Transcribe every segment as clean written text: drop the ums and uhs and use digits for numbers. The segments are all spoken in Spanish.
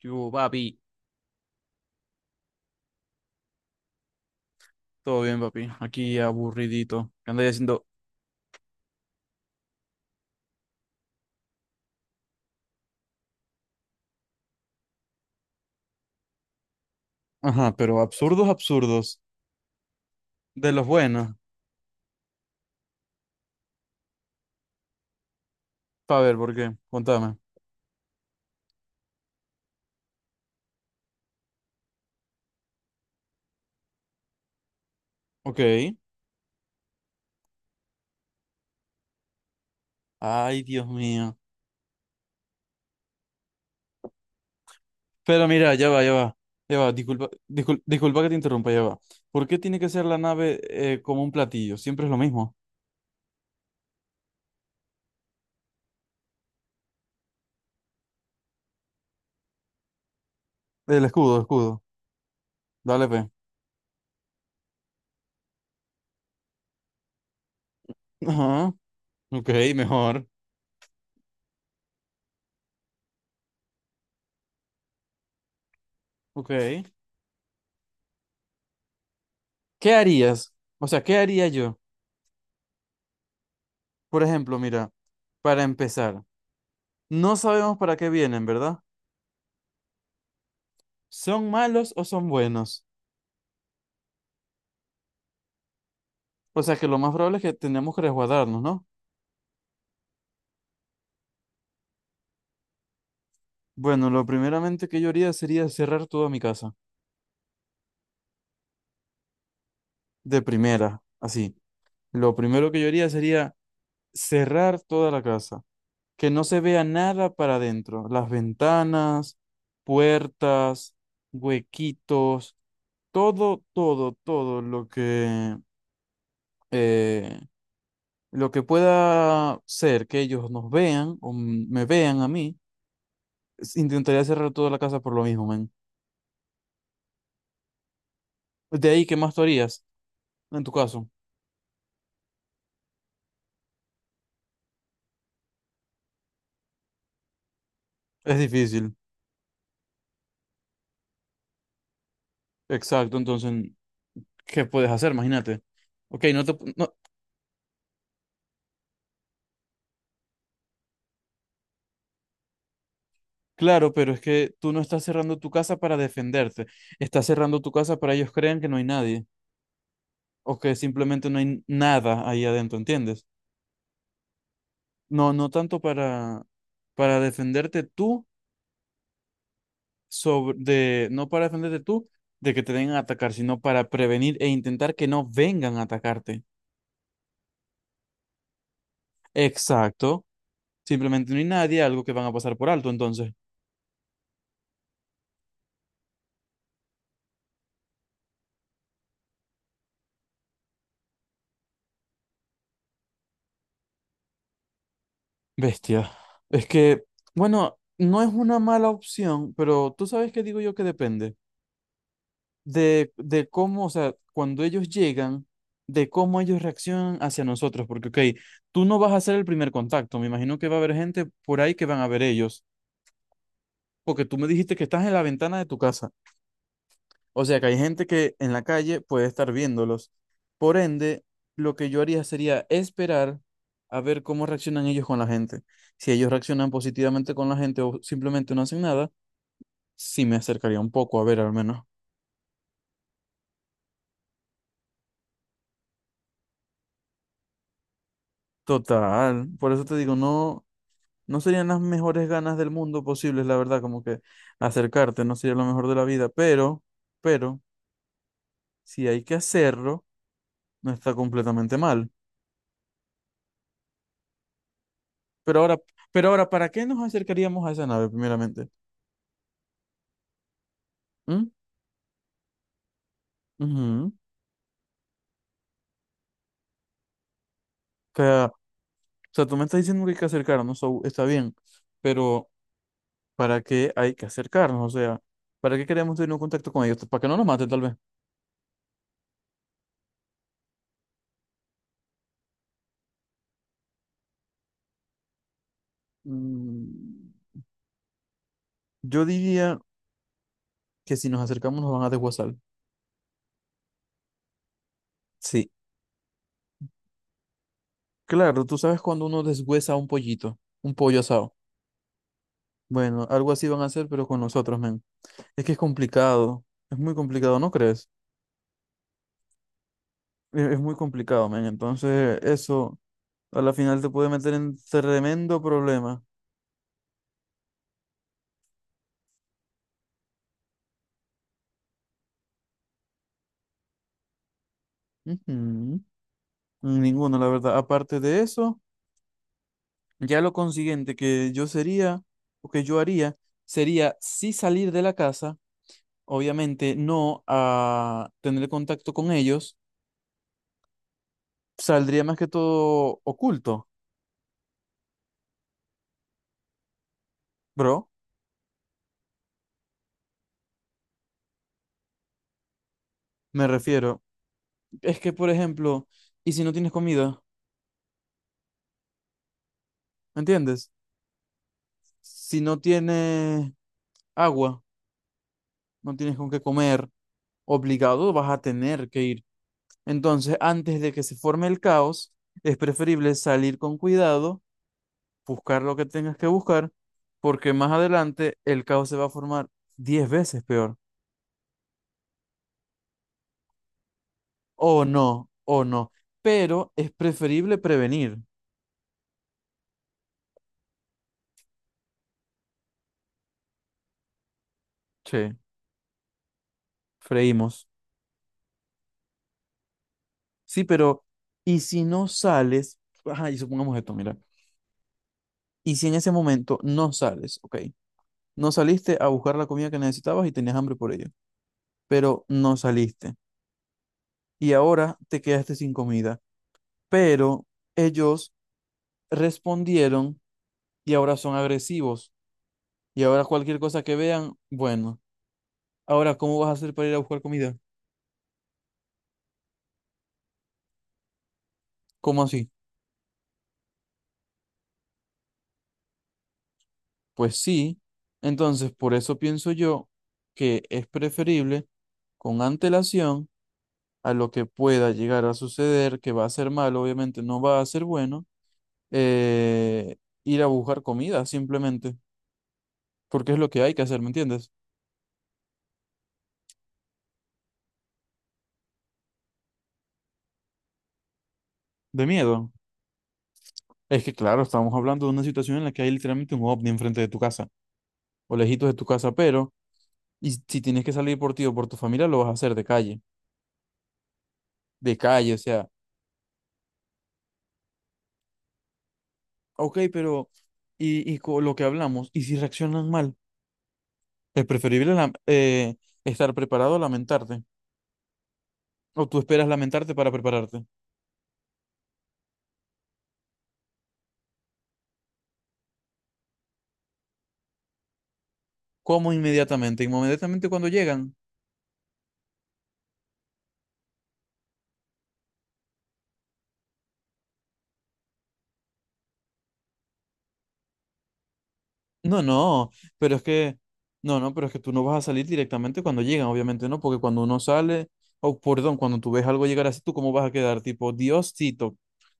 ¡Qué Yo, papi, todo bien, papi. Aquí aburridito. ¿Qué andáis haciendo? Ajá, pero absurdos, absurdos. De los buenos. Pa' ver, ¿por qué? Contame. Ok. Ay, Dios mío. Pero mira, ya va, ya va. Ya va, disculpa, disculpa que te interrumpa, ya va. ¿Por qué tiene que ser la nave como un platillo? Siempre es lo mismo. El escudo, el escudo. Dale, pe. Ajá, ok, mejor. Ok. ¿Qué harías? O sea, ¿qué haría yo? Por ejemplo, mira, para empezar, no sabemos para qué vienen, ¿verdad? ¿Son malos o son buenos? O sea que lo más probable es que tenemos que resguardarnos, ¿no? Bueno, lo primeramente que yo haría sería cerrar toda mi casa. De primera, así. Lo primero que yo haría sería cerrar toda la casa. Que no se vea nada para adentro. Las ventanas, puertas, huequitos, todo eh, lo que pueda ser que ellos nos vean o me vean a mí. Intentaría cerrar toda la casa por lo mismo, man. De ahí, ¿qué más tú harías? En tu caso, es difícil. Exacto, entonces, ¿qué puedes hacer? Imagínate. Ok, no te... No, claro, pero es que tú no estás cerrando tu casa para defenderte. Estás cerrando tu casa para ellos crean que no hay nadie. O que simplemente no hay nada ahí adentro, ¿entiendes? No, no tanto para defenderte tú sobre... De, no para defenderte tú de que te vengan a atacar, sino para prevenir e intentar que no vengan a atacarte. Exacto. Simplemente no hay nadie, algo que van a pasar por alto, entonces. Bestia. Es que, bueno, no es una mala opción, pero tú sabes que digo yo que depende de cómo, o sea, cuando ellos llegan, de cómo ellos reaccionan hacia nosotros, porque, ok, tú no vas a hacer el primer contacto, me imagino que va a haber gente por ahí que van a ver ellos, porque tú me dijiste que estás en la ventana de tu casa. O sea que hay gente que en la calle puede estar viéndolos. Por ende, lo que yo haría sería esperar a ver cómo reaccionan ellos con la gente. Si ellos reaccionan positivamente con la gente o simplemente no hacen nada, sí me acercaría un poco a ver al menos. Total, por eso te digo, no, no serían las mejores ganas del mundo posibles, la verdad, como que acercarte no sería lo mejor de la vida, pero, si hay que hacerlo, no está completamente mal. Pero ahora, pero ahora, ¿para qué nos acercaríamos a esa nave primeramente? ¿Mm? Ujú. O sea, tú me estás diciendo que hay que acercarnos, so, está bien, pero ¿para qué hay que acercarnos? O sea, ¿para qué queremos tener un contacto con ellos? Pues, para que no nos maten, tal vez. Mm, yo diría que si nos acercamos nos van a deshuesar. Sí, claro, tú sabes cuando uno deshuesa un pollito, un pollo asado. Bueno, algo así van a hacer, pero con nosotros, men. Es que es complicado, es muy complicado, ¿no crees? Es muy complicado, men. Entonces, eso a la final te puede meter en tremendo problema. Ujú. Ninguno, la verdad. Aparte de eso, ya lo consiguiente que yo sería o que yo haría sería sí salir de la casa, obviamente no a tener contacto con ellos, saldría más que todo oculto, bro. Me refiero. Es que, por ejemplo, ¿y si no tienes comida? ¿Entiendes? Si no tienes agua, no tienes con qué comer, obligado vas a tener que ir. Entonces, antes de que se forme el caos, es preferible salir con cuidado, buscar lo que tengas que buscar, porque más adelante el caos se va a formar 10 veces peor. O no, o no. Pero es preferible prevenir. Che, freímos. Sí, pero ¿y si no sales? Ajá, y supongamos esto, mira. ¿Y si en ese momento no sales? Ok. No saliste a buscar la comida que necesitabas y tenías hambre por ello, pero no saliste. Y ahora te quedaste sin comida. Pero ellos respondieron y ahora son agresivos. Y ahora cualquier cosa que vean, bueno, ahora ¿cómo vas a hacer para ir a buscar comida? ¿Cómo así? Pues sí, entonces por eso pienso yo que es preferible con antelación a lo que pueda llegar a suceder, que va a ser malo, obviamente no va a ser bueno, eh, ir a buscar comida simplemente, porque es lo que hay que hacer, ¿me entiendes? De miedo. Es que claro, estamos hablando de una situación en la que hay literalmente un ovni enfrente de tu casa, o lejitos de tu casa, pero... Y si tienes que salir por ti o por tu familia, lo vas a hacer de calle, o sea, ok, pero, y con lo que hablamos, y si reaccionan mal, es preferible estar preparado a lamentarte, o tú esperas lamentarte para prepararte. ¿Cómo inmediatamente? Inmediatamente cuando llegan. No, no, pero es que, no, no, pero es que tú no vas a salir directamente cuando llegan, obviamente no, porque cuando uno sale, o perdón, cuando tú ves algo llegar así, ¿tú cómo vas a quedar? Tipo, Diosito,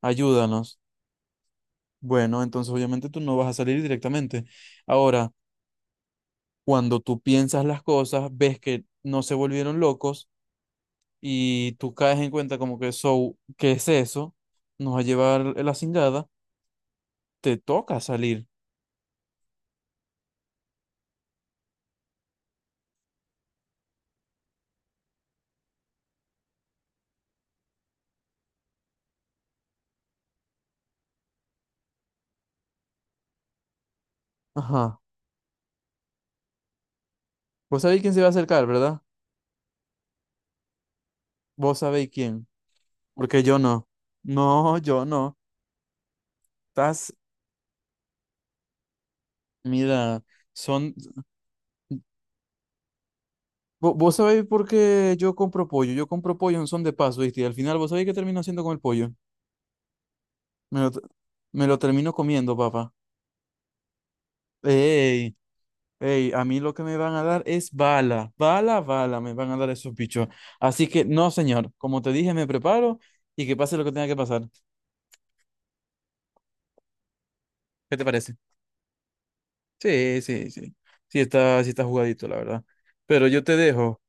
ayúdanos. Bueno, entonces obviamente tú no vas a salir directamente. Ahora, cuando tú piensas las cosas, ves que no se volvieron locos y tú caes en cuenta como que eso, ¿qué es eso? Nos va a llevar la cingada, te toca salir. Ajá. Vos sabéis quién se va a acercar, ¿verdad? Vos sabéis quién. Porque yo no. No, yo no. Estás, mira, son... Vos sabéis por qué yo compro pollo. Yo compro pollo en son de paso, ¿viste? Y al final, ¿vos sabéis qué termino haciendo con el pollo? Me lo, me lo termino comiendo, papá. Ey, ey, a mí lo que me van a dar es bala, bala, bala, me van a dar esos bichos. Así que no, señor, como te dije, me preparo y que pase lo que tenga que pasar. ¿Qué te parece? Sí, sí, sí. Sí está jugadito, la verdad. Pero yo te dejo.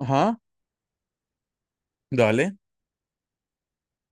Ajá, dale.